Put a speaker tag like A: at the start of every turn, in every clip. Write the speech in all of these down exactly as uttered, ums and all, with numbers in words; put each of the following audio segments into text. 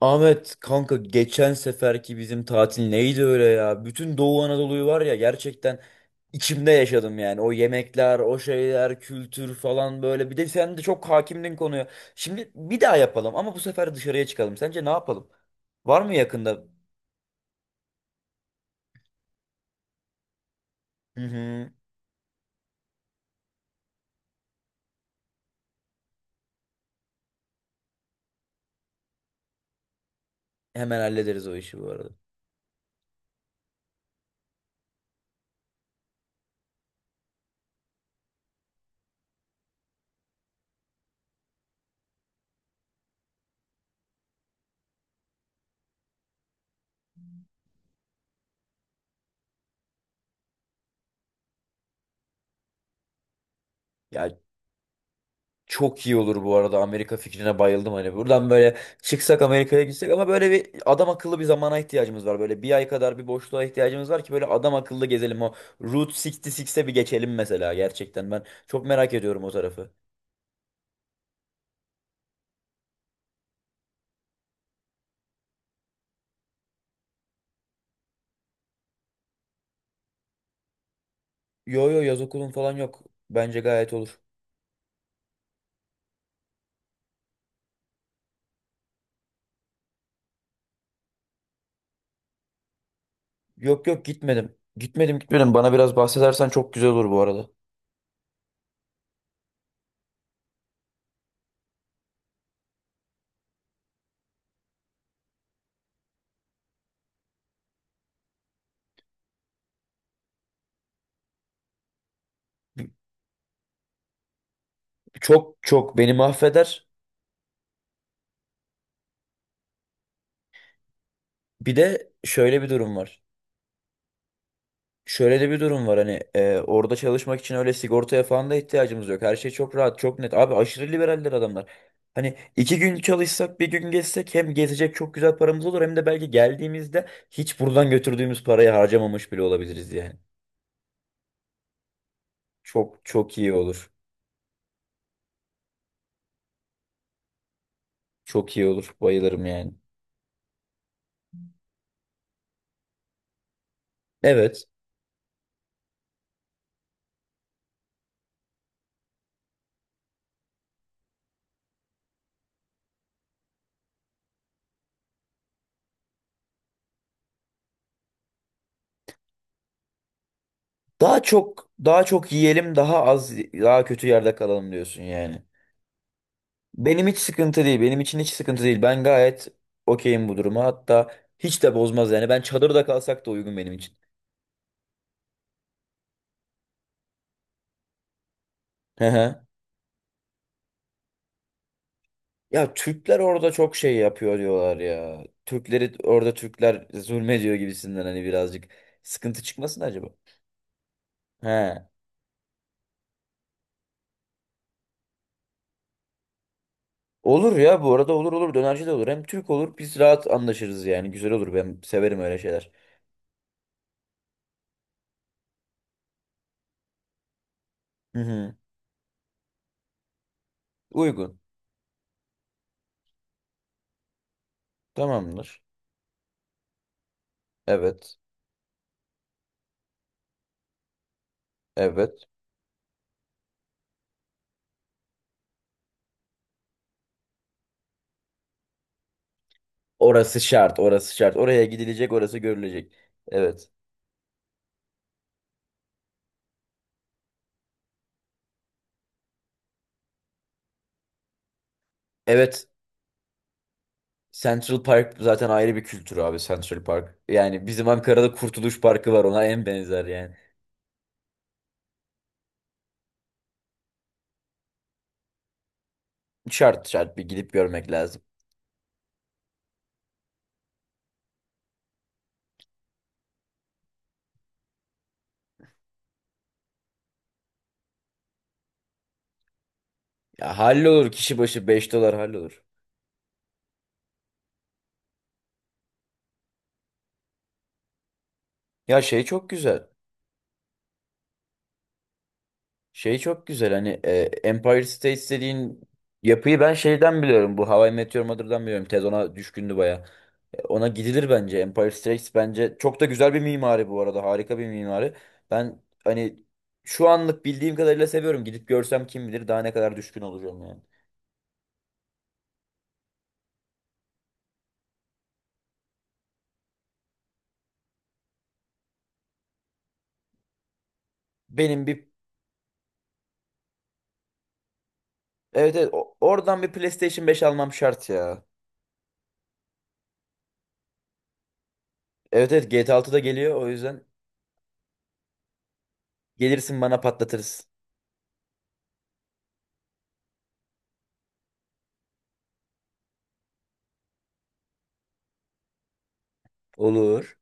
A: Ahmet kanka geçen seferki bizim tatil neydi öyle ya? Bütün Doğu Anadolu'yu var ya gerçekten içimde yaşadım yani. O yemekler, o şeyler, kültür falan böyle. Bir de sen de çok hakimdin konuya. Şimdi bir daha yapalım ama bu sefer dışarıya çıkalım. Sence ne yapalım? Var mı yakında? Hı hı. Hemen hallederiz o işi bu arada. Ya çok iyi olur bu arada, Amerika fikrine bayıldım, hani buradan böyle çıksak Amerika'ya gitsek, ama böyle bir adam akıllı bir zamana ihtiyacımız var, böyle bir ay kadar bir boşluğa ihtiyacımız var ki böyle adam akıllı gezelim. O Route altmış altıya bir geçelim mesela, gerçekten ben çok merak ediyorum o tarafı. Yo yo, yaz okulun falan yok, bence gayet olur. Yok yok, gitmedim gitmedim gitmedim, bana biraz bahsedersen çok güzel olur bu arada. Çok çok beni mahveder. Bir de şöyle bir durum var. Şöyle de bir durum var hani e, orada çalışmak için öyle sigortaya falan da ihtiyacımız yok. Her şey çok rahat, çok net. Abi aşırı liberaller adamlar. Hani iki gün çalışsak bir gün gezsek, hem gezecek çok güzel paramız olur, hem de belki geldiğimizde hiç buradan götürdüğümüz parayı harcamamış bile olabiliriz yani. Çok çok iyi olur. Çok iyi olur. Bayılırım yani. Evet. Daha çok, daha çok yiyelim, daha az, daha kötü yerde kalalım diyorsun yani. Benim hiç sıkıntı değil. Benim için hiç sıkıntı değil. Ben gayet okeyim bu duruma. Hatta hiç de bozmaz yani. Ben çadırda kalsak da uygun benim için. Hı hı. Ya Türkler orada çok şey yapıyor diyorlar ya. Türkleri orada Türkler zulmediyor gibisinden, hani birazcık sıkıntı çıkmasın acaba? He. Olur ya, bu arada olur olur, dönerci de olur. Hem Türk olur, biz rahat anlaşırız yani. Güzel olur, ben severim öyle şeyler. Hı hı. Uygun. Tamamdır. Evet. Evet. Orası şart, orası şart. Oraya gidilecek, orası görülecek. Evet. Evet. Central Park zaten ayrı bir kültür abi, Central Park. Yani bizim Ankara'da Kurtuluş Parkı var, ona en benzer yani. Şart şart, bir gidip görmek lazım. Ya hallolur, kişi başı beş dolar hallolur. Ya şey çok güzel. Şey çok güzel, hani e, Empire State dediğin yapıyı ben şeyden biliyorum. Bu How I Met Your Mother'dan biliyorum. Ted ona düşkündü baya. Ona gidilir bence. Empire Strikes bence çok da güzel bir mimari bu arada. Harika bir mimari. Ben hani şu anlık bildiğim kadarıyla seviyorum. Gidip görsem kim bilir daha ne kadar düşkün olacağım yani. Benim bir evet, evet, o- oradan bir PlayStation beş almam şart ya. Evet evet, G T A altı da geliyor, o yüzden gelirsin bana patlatırız. Olur.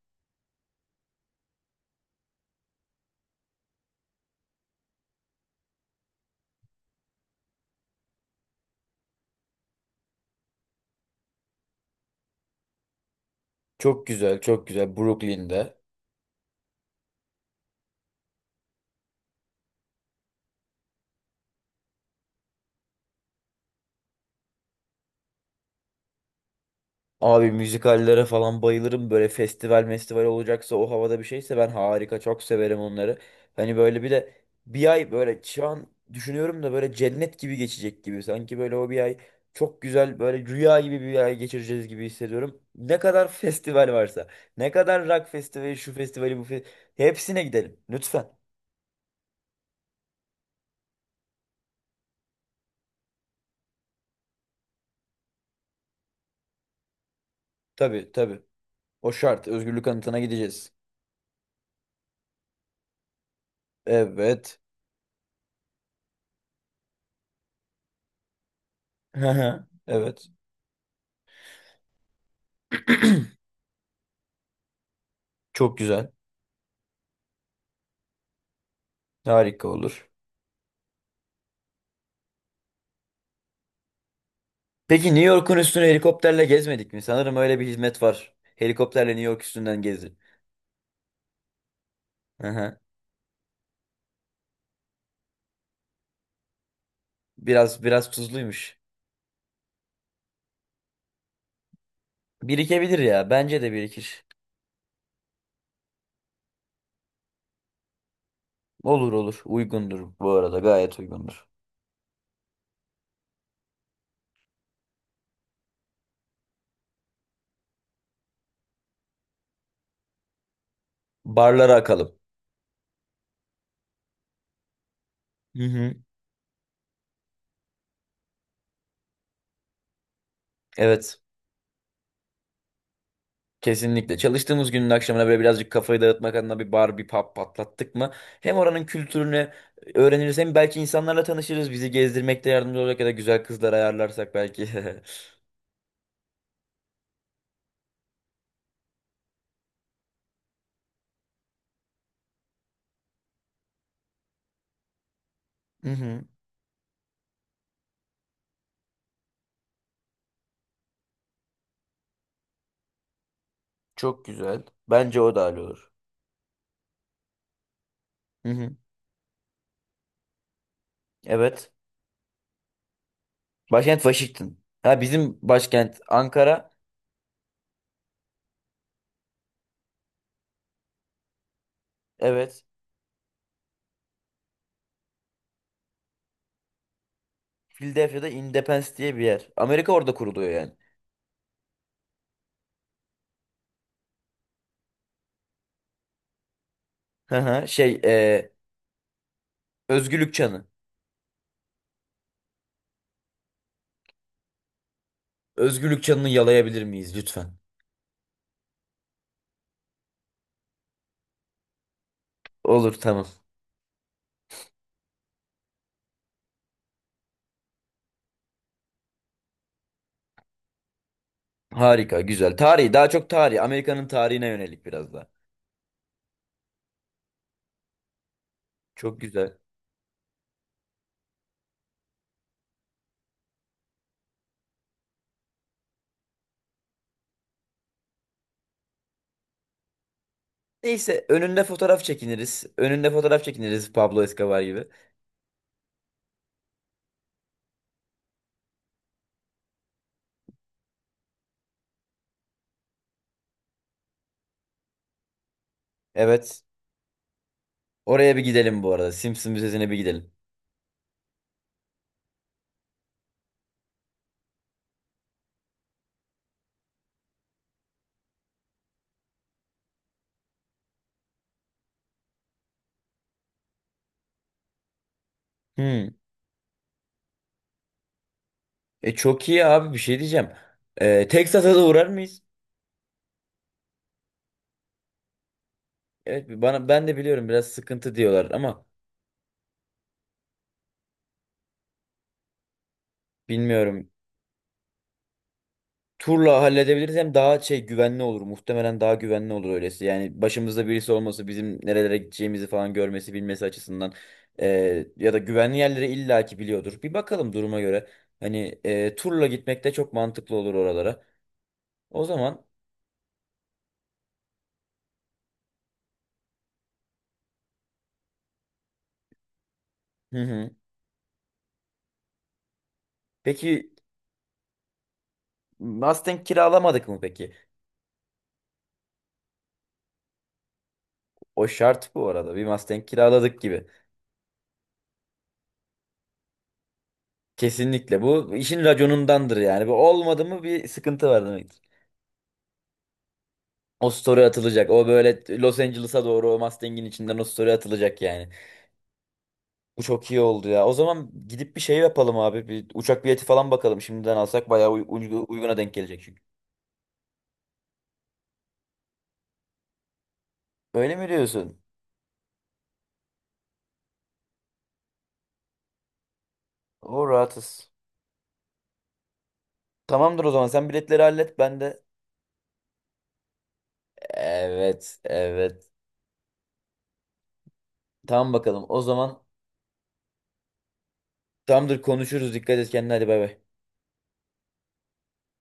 A: Çok güzel, çok güzel Brooklyn'de. Abi müzikallere falan bayılırım. Böyle festival festival olacaksa, o havada bir şeyse, ben harika çok severim onları. Hani böyle bir de bir ay böyle şu an düşünüyorum da böyle cennet gibi geçecek gibi. Sanki böyle o bir ay çok güzel böyle rüya gibi bir ay geçireceğiz gibi hissediyorum. Ne kadar festival varsa, ne kadar rock festivali, şu festivali, bu fe- hepsine gidelim lütfen. Tabii tabii, o şart, özgürlük anıtına gideceğiz. Evet. Evet. Çok güzel, harika olur. Peki New York'un üstünü helikopterle gezmedik mi? Sanırım öyle bir hizmet var. Helikopterle New York üstünden gezdi. Aha. Biraz biraz tuzluymuş. Birikebilir ya. Bence de birikir. Olur olur. Uygundur bu arada. Gayet uygundur. Barlara akalım. Hı hı. Evet. Kesinlikle. Çalıştığımız günün akşamına böyle birazcık kafayı dağıtmak adına bir bar, bir pub patlattık mı? Hem oranın kültürünü öğreniriz, hem belki insanlarla tanışırız. Bizi gezdirmekte yardımcı olacak, ya da güzel kızlar ayarlarsak belki. Hı hı. Çok güzel. Bence o da hallolur. Hı hı. Evet. Başkent Washington. Ha, bizim başkent Ankara. Evet. Philadelphia'da Independence diye bir yer. Amerika orada kuruluyor yani. Hı hı. Şey, e, Özgürlük Çanı. Özgürlük Çanı'nı yalayabilir miyiz lütfen? Olur, tamam. Harika, güzel. Tarihi, daha çok tarihi. Amerika'nın tarihine yönelik biraz daha. Çok güzel. Neyse, önünde fotoğraf çekiniriz. Önünde fotoğraf çekiniriz Pablo Escobar gibi. Evet. Oraya bir gidelim bu arada. Simpson Müzesi'ne bir gidelim. Hmm. E çok iyi abi, bir şey diyeceğim. E, Texas'a da uğrar mıyız? Evet, bana, ben de biliyorum biraz sıkıntı diyorlar ama bilmiyorum. Turla halledebiliriz, hem daha şey güvenli olur. Muhtemelen daha güvenli olur öylesi. Yani başımızda birisi olması, bizim nerelere gideceğimizi falan görmesi bilmesi açısından, e, ya da güvenli yerleri illaki biliyordur. Bir bakalım duruma göre. Hani, e, turla gitmek de çok mantıklı olur oralara. O zaman hı hı. Peki Mustang kiralamadık mı peki? O şart bu arada. Bir Mustang kiraladık gibi. Kesinlikle. Bu işin raconundandır yani. Bu olmadı mı bir sıkıntı var demektir. O story atılacak. O böyle Los Angeles'a doğru o Mustang'in içinden o story atılacak yani. Bu çok iyi oldu ya. O zaman gidip bir şey yapalım abi. Bir uçak bileti falan bakalım. Şimdiden alsak bayağı uy- uy- uyguna denk gelecek çünkü. Öyle mi diyorsun? O rahatız. Tamamdır o zaman. Sen biletleri hallet. Ben de. Evet. Evet. Tamam bakalım. O zaman tamamdır, konuşuruz. Dikkat et kendine. Hadi bay bay.